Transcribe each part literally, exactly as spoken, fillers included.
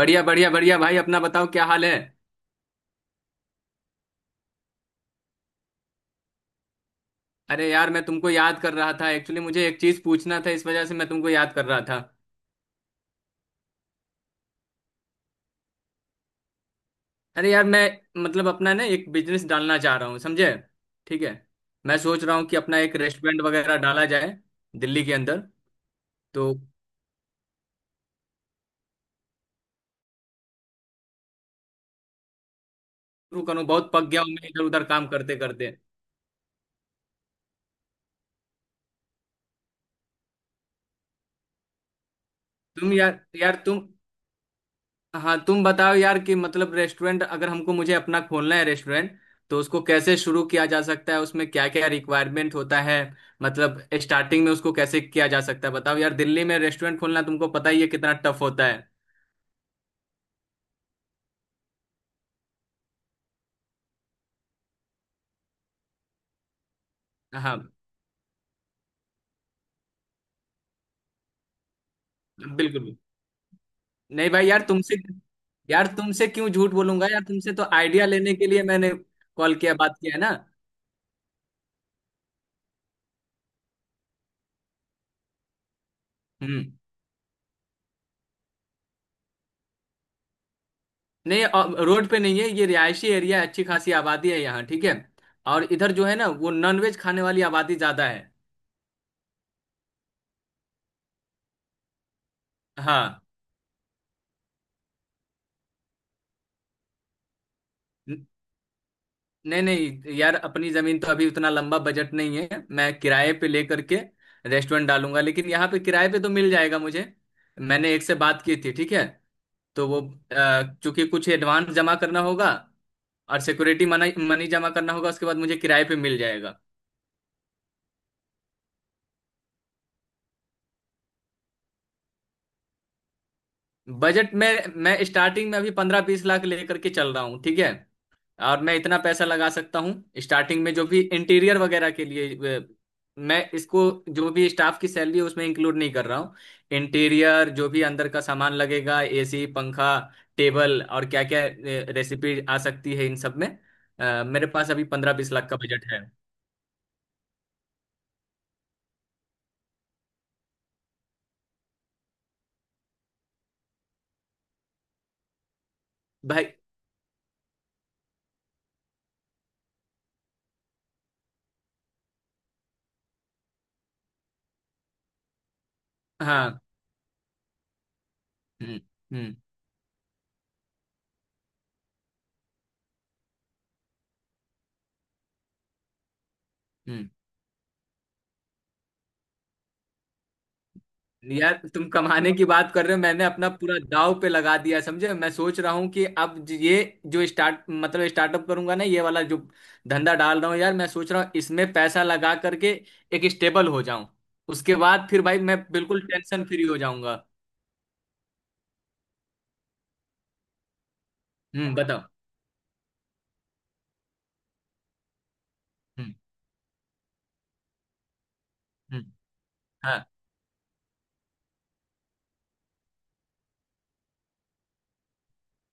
बढ़िया बढ़िया बढ़िया भाई। अपना बताओ क्या हाल है। अरे यार, मैं तुमको याद कर रहा था। एक्चुअली मुझे एक चीज पूछना था, इस वजह से मैं तुमको याद कर रहा था। अरे यार मैं मतलब अपना ना एक बिजनेस डालना चाह रहा हूँ, समझे। ठीक है। मैं सोच रहा हूँ कि अपना एक रेस्टोरेंट वगैरह डाला जाए दिल्ली के अंदर। तो शुरू करूँ, बहुत पक गया हूँ मैं इधर उधर काम करते करते। तुम यार यार तुम हाँ तुम बताओ यार कि मतलब रेस्टोरेंट अगर हमको मुझे अपना खोलना है रेस्टोरेंट। तो उसको कैसे शुरू किया जा सकता है? उसमें क्या क्या रिक्वायरमेंट होता है? मतलब स्टार्टिंग में उसको कैसे किया जा सकता है? बताओ यार, दिल्ली में रेस्टोरेंट खोलना तुमको पता ही है कितना टफ होता है। हाँ। बिल्कुल। नहीं भाई, यार तुमसे यार तुमसे क्यों झूठ बोलूंगा? यार तुमसे तो आइडिया लेने के लिए मैंने कॉल किया, बात किया है ना। हम्म। नहीं अ, रोड पे नहीं है। ये रिहायशी एरिया है, अच्छी खासी आबादी है यहाँ, ठीक है। और इधर जो है ना, वो नॉनवेज खाने वाली आबादी ज्यादा है। हाँ। न- नहीं नहीं यार, अपनी जमीन तो अभी, उतना लंबा बजट नहीं है। मैं किराए पे लेकर के रेस्टोरेंट डालूंगा, लेकिन यहाँ पे किराए पे तो मिल जाएगा मुझे। मैंने एक से बात की थी, ठीक है। तो वो अ, चूंकि कुछ एडवांस जमा करना होगा और सिक्योरिटी मनी मनी जमा करना होगा, उसके बाद मुझे किराए पे मिल जाएगा। बजट में, मैं स्टार्टिंग में अभी पंद्रह बीस लाख लेकर के चल रहा हूँ, ठीक है। और मैं इतना पैसा लगा सकता हूँ स्टार्टिंग में, जो भी इंटीरियर वगैरह के लिए। अ, मैं इसको जो भी स्टाफ की सैलरी है उसमें इंक्लूड नहीं कर रहा हूँ। इंटीरियर, जो भी अंदर का सामान लगेगा, एसी, पंखा, टेबल, और क्या क्या रेसिपी आ सकती है इन सब में, अ, मेरे पास अभी पंद्रह बीस लाख का बजट है। भाई। हाँ। हम्म। हम्म। हम्म। यार तुम कमाने की बात कर रहे हो, मैंने अपना पूरा दाव पे लगा दिया, समझे। मैं सोच रहा हूँ कि अब ज- ये जो स्टार्ट मतलब स्टार्टअप करूंगा ना, ये वाला जो धंधा डाल रहा हूँ, यार मैं सोच रहा हूँ इसमें पैसा लगा करके एक स्टेबल हो जाऊं, उसके बाद फिर भाई मैं बिल्कुल टेंशन फ्री हो जाऊंगा। हम्म, बताओ। हम्म। हम्म। हाँ।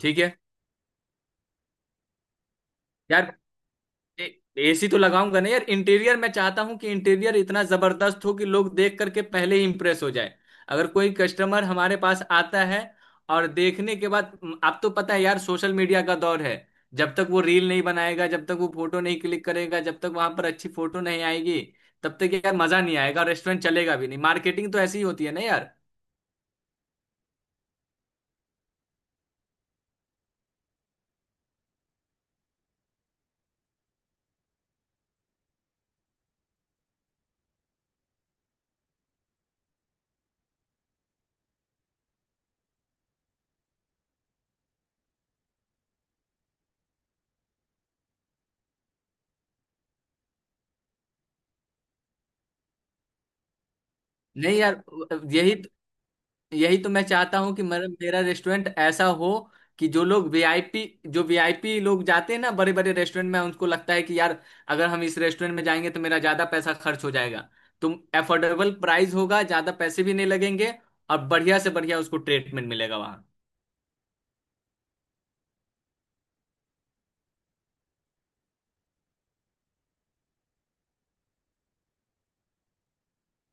ठीक है। यार, एसी तो लगाऊंगा नहीं यार। इंटीरियर मैं चाहता हूँ कि इंटीरियर इतना जबरदस्त हो कि लोग देख करके पहले ही इंप्रेस हो जाए अगर कोई कस्टमर हमारे पास आता है और देखने के बाद, आप तो पता है यार, सोशल मीडिया का दौर है। जब तक वो रील नहीं बनाएगा, जब तक वो फोटो नहीं क्लिक करेगा, जब तक वहां पर अच्छी फोटो नहीं आएगी, तब तक यार मजा नहीं आएगा, रेस्टोरेंट चलेगा भी नहीं। मार्केटिंग तो ऐसी ही होती है ना यार। नहीं यार, यही यही तो मैं चाहता हूँ कि मेरा मेरा रेस्टोरेंट ऐसा हो कि जो लोग वीआईपी जो वीआईपी लोग जाते हैं ना बड़े बड़े रेस्टोरेंट में, उनको लगता है कि यार, अगर हम इस रेस्टोरेंट में जाएंगे तो मेरा ज्यादा पैसा खर्च हो जाएगा, तो अफोर्डेबल प्राइस होगा, ज्यादा पैसे भी नहीं लगेंगे और बढ़िया से बढ़िया उसको ट्रीटमेंट मिलेगा वहाँ।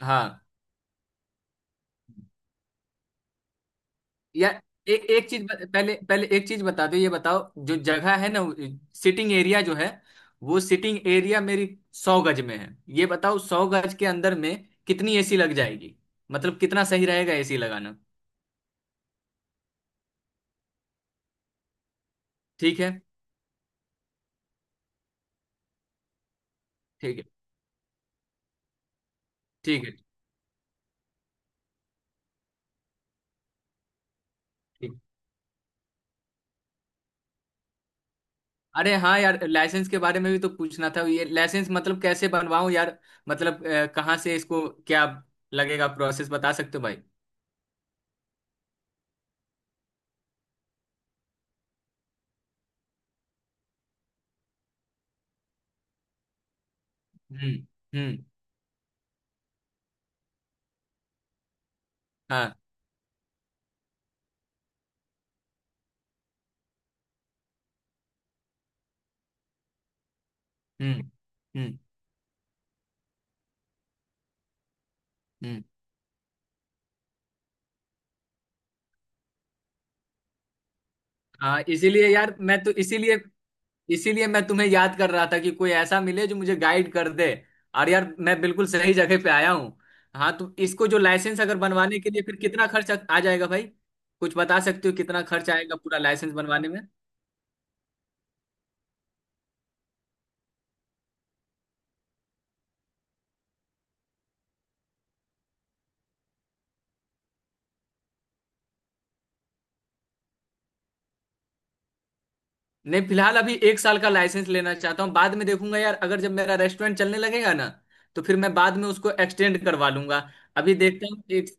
हाँ। यार, ए, एक चीज ब- पहले पहले एक चीज बता दो। ये बताओ जो जगह है ना, सिटिंग एरिया जो है, वो सिटिंग एरिया मेरी सौ गज में है। ये बताओ, सौ गज के अंदर में कितनी एसी लग जाएगी, मतलब कितना सही रहेगा एसी लगाना? ठीक है। ठीक है। ठीक है। ठीक। अरे हाँ यार, लाइसेंस के बारे में भी तो पूछना था। ये लाइसेंस मतलब कैसे बनवाऊं यार? मतलब अ, कहाँ से इसको क्या लगेगा? प्रोसेस बता सकते हो भाई? हम्म। हम्म। हाँ। हम्म। हम्म। हम्म। हाँ, इसीलिए यार मैं तो इसीलिए इसीलिए मैं तुम्हें याद कर रहा था कि कोई ऐसा मिले जो मुझे गाइड कर दे। और यार, मैं बिल्कुल सही जगह पे आया हूँ। हाँ, तो इसको जो लाइसेंस अगर बनवाने के लिए, फिर कितना खर्च आ जाएगा भाई? कुछ बता सकते हो कितना खर्च आएगा पूरा लाइसेंस बनवाने में? नहीं, फिलहाल अभी एक साल का लाइसेंस लेना चाहता हूँ। बाद में देखूंगा यार, अगर जब मेरा रेस्टोरेंट चलने लगेगा ना, तो फिर मैं बाद में उसको एक्सटेंड करवा लूंगा। अभी देखता हूँ एक।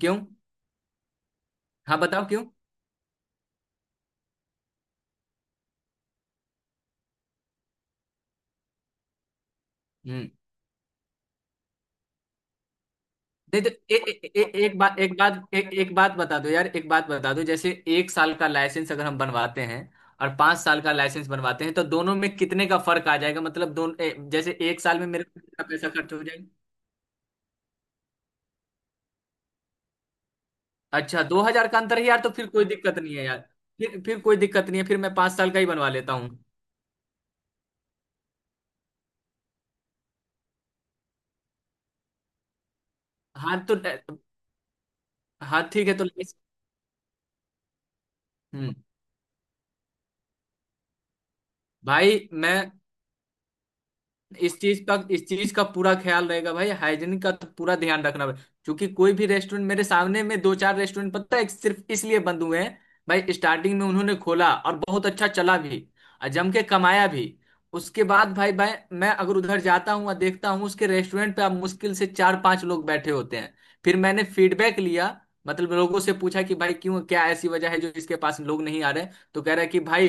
क्यों? हाँ बताओ क्यों। हम्म। नहीं तो ए, ए, ए, एक बात एक बात एक, एक बात बता दो यार, एक बात बता दो जैसे एक साल का लाइसेंस अगर हम बनवाते हैं और पांच साल का लाइसेंस बनवाते हैं, तो दोनों में कितने का फर्क आ जाएगा? मतलब दोनों, जैसे एक साल में मेरा कितना पैसा खर्च हो जाएगा? अच्छा, दो हजार का अंतर है यार, तो फिर कोई दिक्कत नहीं है यार। फिर फिर कोई दिक्कत नहीं है, फिर मैं पांच साल का ही बनवा लेता हूँ। हाँ। तो हाँ, ठीक है। तो लाइस- हम्म भाई, मैं इस चीज का इस चीज का पूरा ख्याल रहेगा भाई। हाइजीन का तो पूरा ध्यान रखना भाई। क्योंकि कोई भी रेस्टोरेंट मेरे सामने में, दो चार रेस्टोरेंट पता है सिर्फ इसलिए बंद हुए हैं भाई। स्टार्टिंग में उन्होंने खोला और बहुत अच्छा चला भी, और जम के कमाया भी। उसके बाद भाई भाई, मैं अगर उधर जाता हूँ और देखता हूँ उसके रेस्टोरेंट पे, अब मुश्किल से चार पांच लोग बैठे होते हैं। फिर मैंने फीडबैक लिया, मतलब लोगों से पूछा कि भाई क्यों, क्या ऐसी वजह है जो इसके पास लोग नहीं आ रहे। तो कह रहा है कि भाई,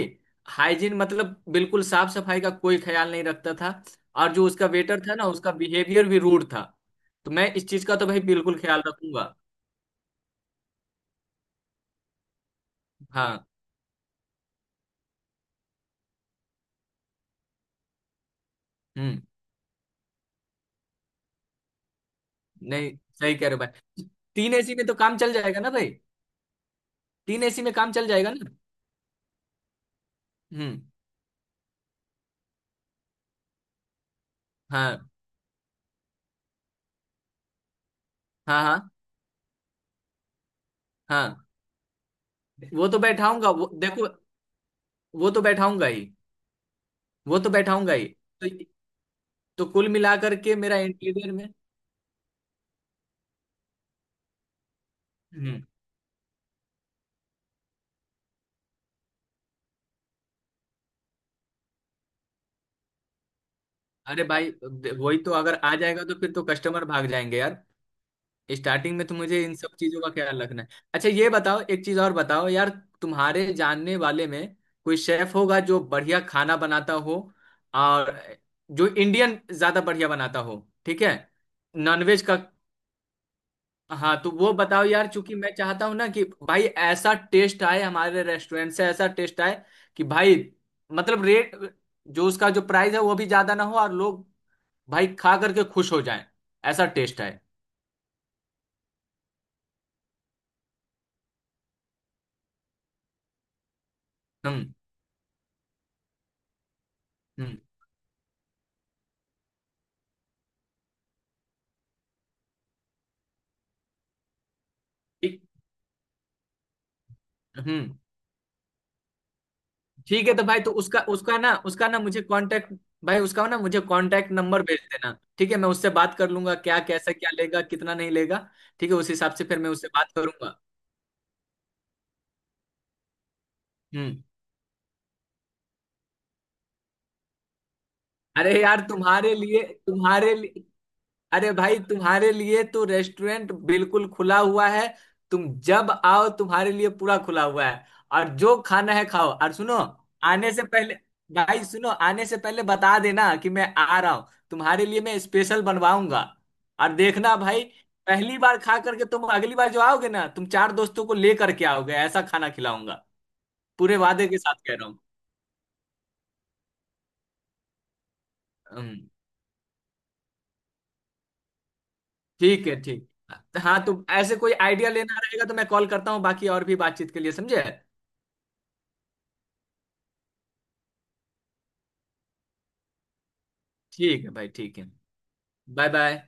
हाइजीन, मतलब बिल्कुल साफ सफाई का कोई ख्याल नहीं रखता था। और जो उसका वेटर था ना, उसका बिहेवियर भी रूड था। तो मैं इस चीज का तो भाई बिल्कुल ख्याल रखूंगा। हाँ। हम्म। नहीं सही कह रहे हो भाई। तीन एसी में तो काम चल जाएगा ना भाई? तीन एसी में काम चल जाएगा ना? हम्म। हाँ। हाँ। हाँ। हाँ। वो तो बैठाऊंगा, वो देखो। वो तो बैठाऊंगा ही। वो तो बैठाऊंगा ही। तो, तो कुल मिलाकर के मेरा इंटीरियर में। हम्म। अरे भाई, वही तो अगर आ जाएगा तो फिर तो कस्टमर भाग जाएंगे यार। स्टार्टिंग में तो मुझे इन सब चीजों का ख्याल रखना है। अच्छा, ये बताओ, एक चीज और बताओ यार, तुम्हारे जानने वाले में कोई शेफ होगा जो बढ़िया खाना बनाता हो, और जो इंडियन ज्यादा बढ़िया बनाता हो, ठीक है, नॉनवेज का। हाँ तो वो बताओ यार, चूंकि मैं चाहता हूँ ना कि भाई ऐसा टेस्ट आए हमारे रेस्टोरेंट से, ऐसा टेस्ट आए कि भाई, मतलब रेट जो उसका, जो प्राइस है वो भी ज्यादा ना हो, और लोग भाई खा करके खुश हो जाएं, ऐसा टेस्ट आए। हम्म। हम्म। ठीक- हम्म, ठीक है। तो भाई, तो उसका उसका ना उसका ना मुझे कांटेक्ट भाई, उसका ना मुझे कांटेक्ट नंबर भेज देना। ठीक है, मैं उससे बात कर लूंगा क्या कैसा, क्या लेगा, कितना नहीं लेगा। ठीक है, उस हिसाब से फिर मैं उससे बात करूंगा। हम्म। अरे यार, तुम्हारे लिए तुम्हारे लिए अरे भाई, तुम्हारे लिए तो रेस्टोरेंट बिल्कुल खुला हुआ है। तुम जब आओ, तुम्हारे लिए पूरा खुला हुआ है। और जो खाना है खाओ। और सुनो, आने से पहले भाई सुनो, आने से पहले बता देना कि मैं आ रहा हूँ, तुम्हारे लिए मैं स्पेशल बनवाऊंगा। और देखना भाई, पहली बार खा करके तुम अगली बार जो आओगे ना, तुम चार दोस्तों को ले करके आओगे, ऐसा खाना खिलाऊंगा। पूरे वादे के साथ कह रहा हूँ। हम्म। ठीक है। ठीक। हाँ, तो ऐसे कोई आइडिया लेना रहेगा तो मैं कॉल करता हूँ, बाकी और भी बातचीत के लिए, समझे। ठीक है भाई, ठीक है। बाय। बाय।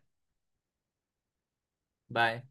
बाय।